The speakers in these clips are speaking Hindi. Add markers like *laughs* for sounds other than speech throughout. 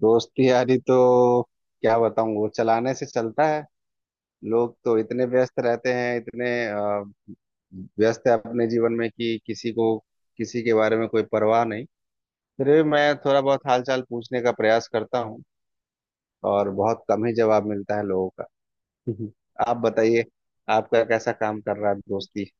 दोस्ती यारी तो क्या बताऊं, वो चलाने से चलता है। लोग तो इतने व्यस्त रहते हैं, इतने व्यस्त है अपने जीवन में कि किसी को किसी के बारे में कोई परवाह नहीं। फिर भी मैं थोड़ा बहुत हालचाल पूछने का प्रयास करता हूँ, और बहुत कम ही जवाब मिलता है लोगों का। हम्म। आप बताइए, आपका कैसा काम कर रहा है दोस्ती?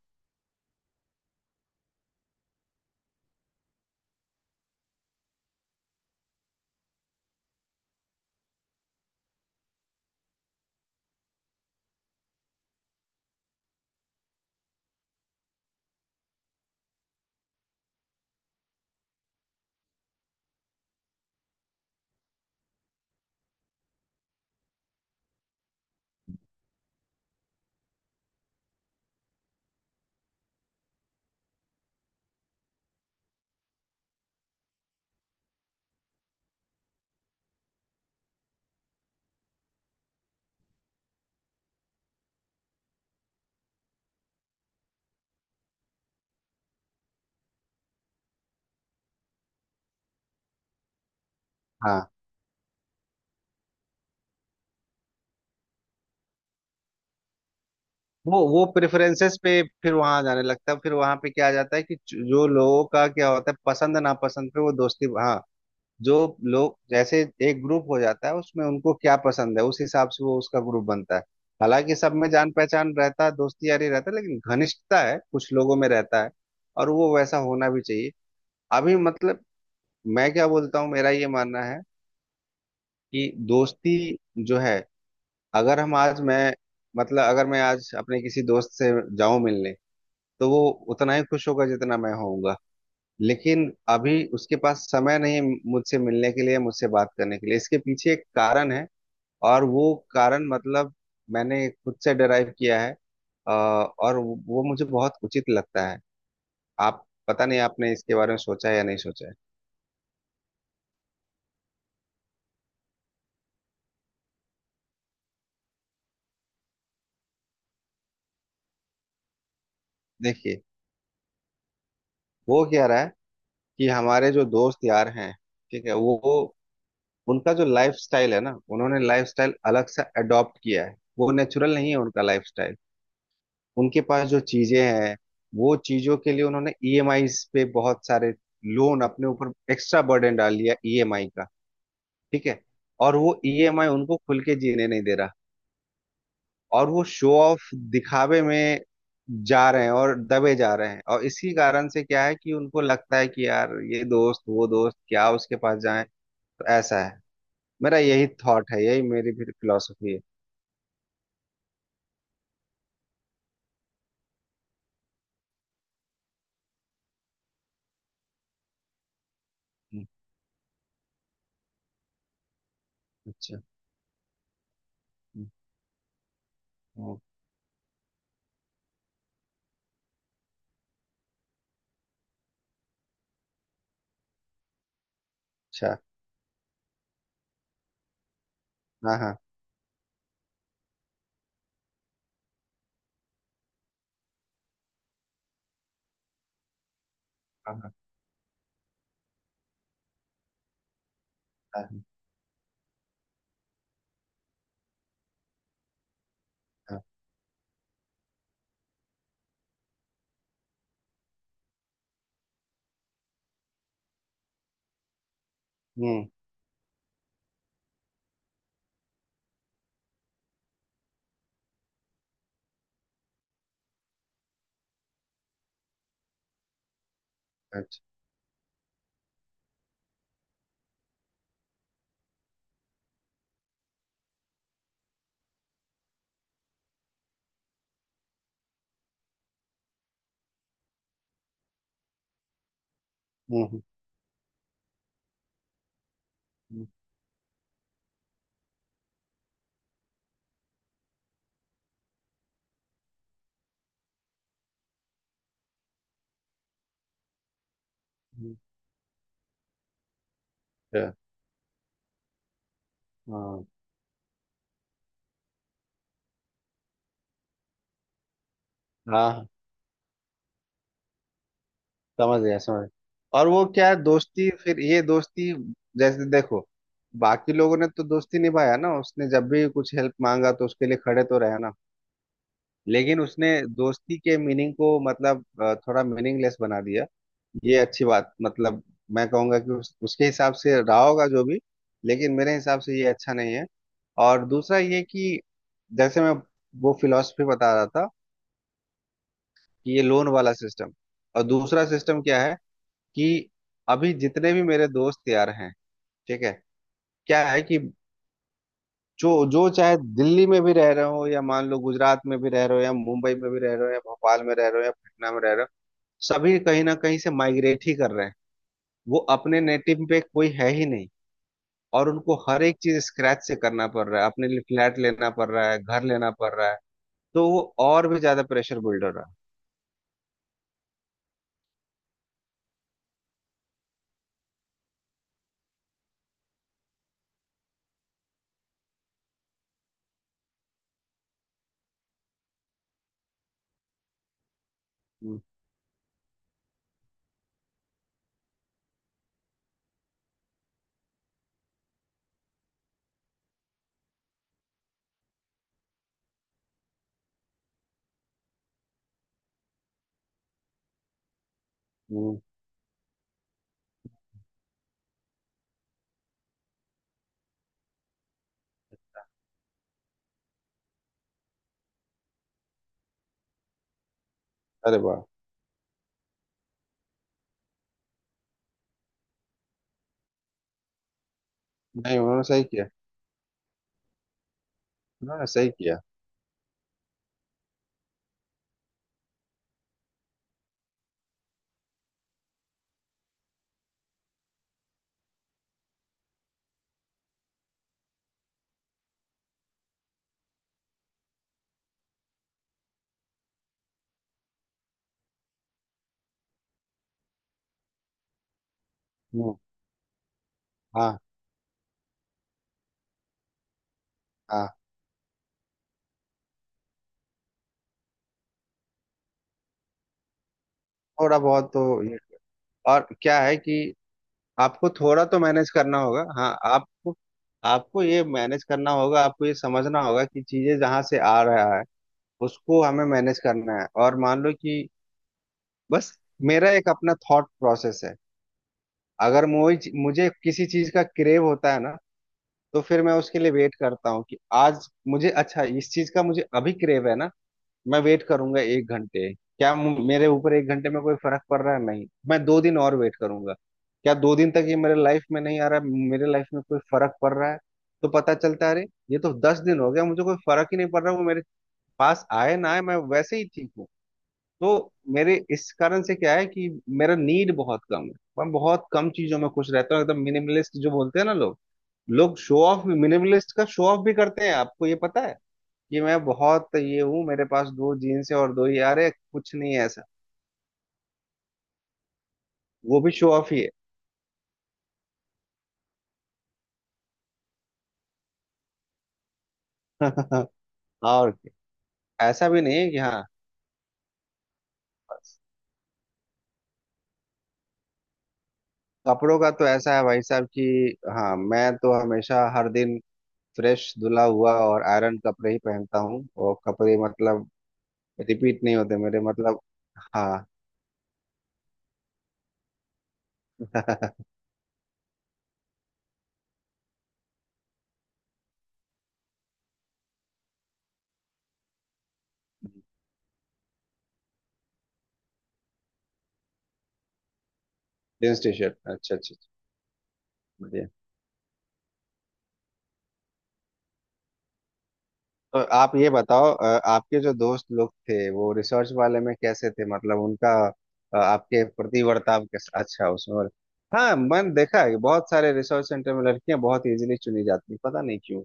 हाँ, वो प्रेफरेंसेस पे फिर वहां जाने लगता है। फिर वहां पे क्या आ जाता है कि जो लोगों का क्या होता है, पसंद नापसंद पे वो दोस्ती। हाँ, जो लोग जैसे एक ग्रुप हो जाता है उसमें, उनको क्या पसंद है उस हिसाब से वो उसका ग्रुप बनता है। हालांकि सब में जान पहचान रहता है, दोस्ती यारी रहता है, लेकिन घनिष्ठता है कुछ लोगों में रहता है, और वो वैसा होना भी चाहिए। अभी मतलब मैं क्या बोलता हूँ, मेरा ये मानना है कि दोस्ती जो है, अगर हम आज मैं मतलब अगर मैं आज अपने किसी दोस्त से जाऊं मिलने, तो वो उतना ही खुश होगा जितना मैं होऊंगा। लेकिन अभी उसके पास समय नहीं है मुझसे मिलने के लिए, मुझसे बात करने के लिए। इसके पीछे एक कारण है, और वो कारण मतलब मैंने खुद से डराइव किया है। और वो मुझे बहुत उचित लगता है। आप पता नहीं आपने इसके बारे में सोचा है या नहीं सोचा है। देखिए, वो क्या रहा है कि हमारे जो दोस्त यार हैं, ठीक है, उनका जो लाइफ स्टाइल है ना, उन्होंने लाइफ स्टाइल अलग से अडॉप्ट किया है। वो नेचुरल नहीं है उनका लाइफ। उनके पास जो चीजें हैं, वो चीजों के लिए उन्होंने ईएमआई पे बहुत सारे लोन अपने ऊपर एक्स्ट्रा बर्डन डाल लिया ईएमआई का, ठीक है? और वो ईएमआई उनको खुल के जीने नहीं दे रहा। और वो शो ऑफ, दिखावे में जा रहे हैं और दबे जा रहे हैं। और इसी कारण से क्या है कि उनको लगता है कि यार ये दोस्त वो दोस्त, क्या उसके पास जाएं, तो ऐसा है। मेरा यही थॉट है, यही मेरी फिर फिलोसफी है। हम्म, अच्छा। हम्म, हम्म, अच्छा। हाँ हाँ। हाँ हाँ। हाँ हाँ, हम्म। अच्छा। हम्म। अच्छा, हाँ हाँ। समझ गया, समझ गया। और वो क्या है, दोस्ती, फिर ये दोस्ती जैसे देखो, बाकी लोगों ने तो दोस्ती निभाया ना, उसने जब भी कुछ हेल्प मांगा तो उसके लिए खड़े तो रहे ना। लेकिन उसने दोस्ती के मीनिंग को मतलब थोड़ा मीनिंगलेस बना दिया। ये अच्छी बात, मतलब मैं कहूंगा कि उसके हिसाब से रहा होगा जो भी, लेकिन मेरे हिसाब से ये अच्छा नहीं है। और दूसरा ये कि जैसे मैं वो फिलॉसफी बता रहा था कि ये लोन वाला सिस्टम, और दूसरा सिस्टम क्या है कि अभी जितने भी मेरे दोस्त यार हैं, ठीक है, क्या है कि जो जो चाहे दिल्ली में भी रह रहे हो, या मान लो गुजरात में भी रह रहे हो, या मुंबई में भी रह रहे हो, या भोपाल में रह रहे हो, या पटना में रह रहे हो, सभी कहीं ना कहीं से माइग्रेट ही कर रहे हैं। वो अपने नेटिव पे कोई है ही नहीं, और उनको हर एक चीज स्क्रैच से करना पड़ रहा है, अपने लिए फ्लैट लेना पड़ रहा है, घर लेना पड़ रहा है, तो वो और भी ज्यादा प्रेशर बिल्ड हो रहा है। हम्म, हम्म। अरे वाह। नहीं, उन्होंने सही किया। हाँ, सही किया। हाँ हाँ। हाँ, थोड़ा बहुत तो ये, और क्या है कि आपको थोड़ा तो मैनेज करना होगा। हाँ, आपको, आपको ये मैनेज करना होगा, आपको ये समझना होगा कि चीजें जहाँ से आ रहा है, उसको हमें मैनेज करना है। और मान लो कि बस मेरा एक अपना थॉट प्रोसेस है। अगर मुझे मुझे किसी चीज का क्रेव होता है ना, तो फिर मैं उसके लिए वेट करता हूँ कि आज मुझे अच्छा इस चीज का मुझे अभी क्रेव है ना, मैं वेट करूंगा 1 घंटे। क्या मेरे ऊपर 1 घंटे में कोई फर्क पड़ रहा है? नहीं। मैं 2 दिन और वेट करूंगा। क्या 2 दिन तक ये मेरे लाइफ में नहीं आ रहा है, मेरे लाइफ में कोई फर्क पड़ रहा है? तो पता चलता है अरे ये तो 10 दिन हो गया, मुझे कोई फर्क ही नहीं पड़ रहा। वो मेरे पास आए ना आए, मैं वैसे ही ठीक हूँ। तो मेरे इस कारण से क्या है कि मेरा नीड बहुत कम है। मैं बहुत कम चीजों में खुश रहता हूँ, एकदम मिनिमलिस्ट जो बोलते हैं ना लोग। लोग शो ऑफ, मिनिमलिस्ट का शो ऑफ भी करते हैं, आपको ये पता है? कि मैं बहुत ये हूँ, मेरे पास 2 जीन्स है और दो ही यार है, कुछ नहीं है ऐसा। वो भी शो ऑफ ही है। *laughs* और क्या, ऐसा भी नहीं है कि हाँ, बस। कपड़ों का तो ऐसा है भाई साहब कि हाँ, मैं तो हमेशा हर दिन फ्रेश धुला हुआ और आयरन कपड़े ही पहनता हूँ। और कपड़े मतलब रिपीट नहीं होते मेरे, मतलब हाँ। *laughs* जींस टी शर्ट, अच्छा अच्छा। अच्छा। तो आप ये बताओ, आपके जो दोस्त लोग थे वो रिसर्च वाले में कैसे थे, मतलब उनका आपके प्रति वर्ताव कैसा? अच्छा, उसमें और हाँ मैंने देखा है कि बहुत सारे रिसर्च सेंटर में लड़कियां बहुत इजीली चुनी जाती हैं, पता नहीं क्यों।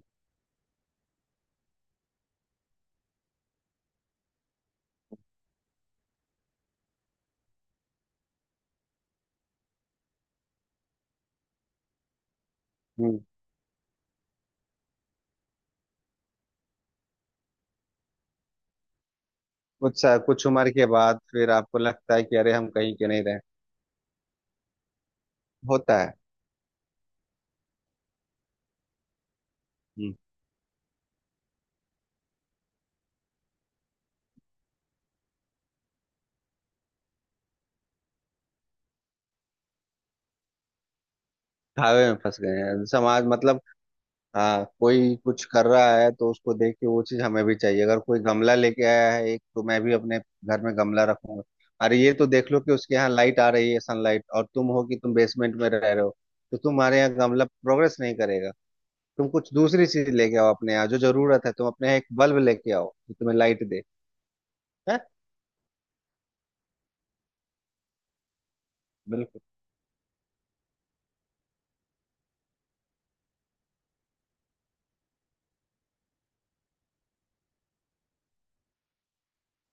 हम्म। कुछ उम्र के बाद फिर आपको लगता है कि अरे हम कहीं के नहीं रहे। होता है। हम्म, धावे में फंस गए हैं समाज मतलब। हाँ, कोई कुछ कर रहा है तो उसको देख के वो चीज हमें भी चाहिए। अगर कोई गमला लेके आया है एक, तो मैं भी अपने घर में गमला रखूंगा। अरे ये तो देख लो कि उसके यहाँ लाइट आ रही है सनलाइट, और तुम हो कि तुम बेसमेंट में रह रहे हो, तो तुम्हारे यहाँ गमला प्रोग्रेस नहीं करेगा। तुम कुछ दूसरी चीज लेके आओ अपने यहाँ, जो जरूरत है तुम अपने यहाँ एक बल्ब लेके आओ जो तुम्हें लाइट दे। है। बिल्कुल।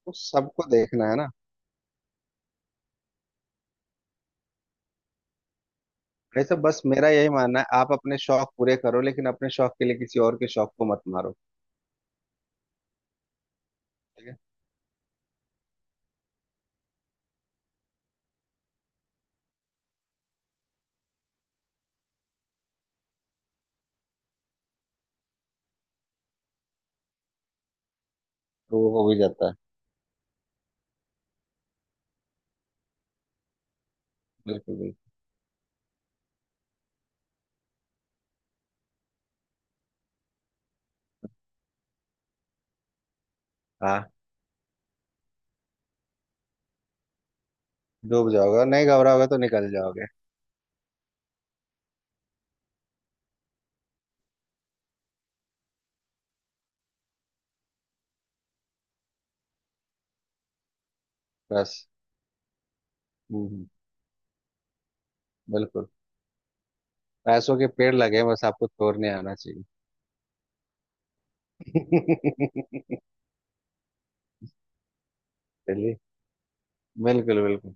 तो सबको देखना है ना। वैसे बस मेरा यही मानना है, आप अपने शौक पूरे करो, लेकिन अपने शौक के लिए किसी और के शौक को मत मारो। ठीक है। तो वो हो भी जाता है। बिल्कुल बिल्कुल। हाँ, डूब जाओगे नहीं, घबराओगे तो निकल जाओगे। बस। हम्म हम्म, बिल्कुल। पैसों के पेड़ लगे हैं, बस आपको तोड़ने आना चाहिए। *laughs* चलिए। बिल्कुल बिल्कुल।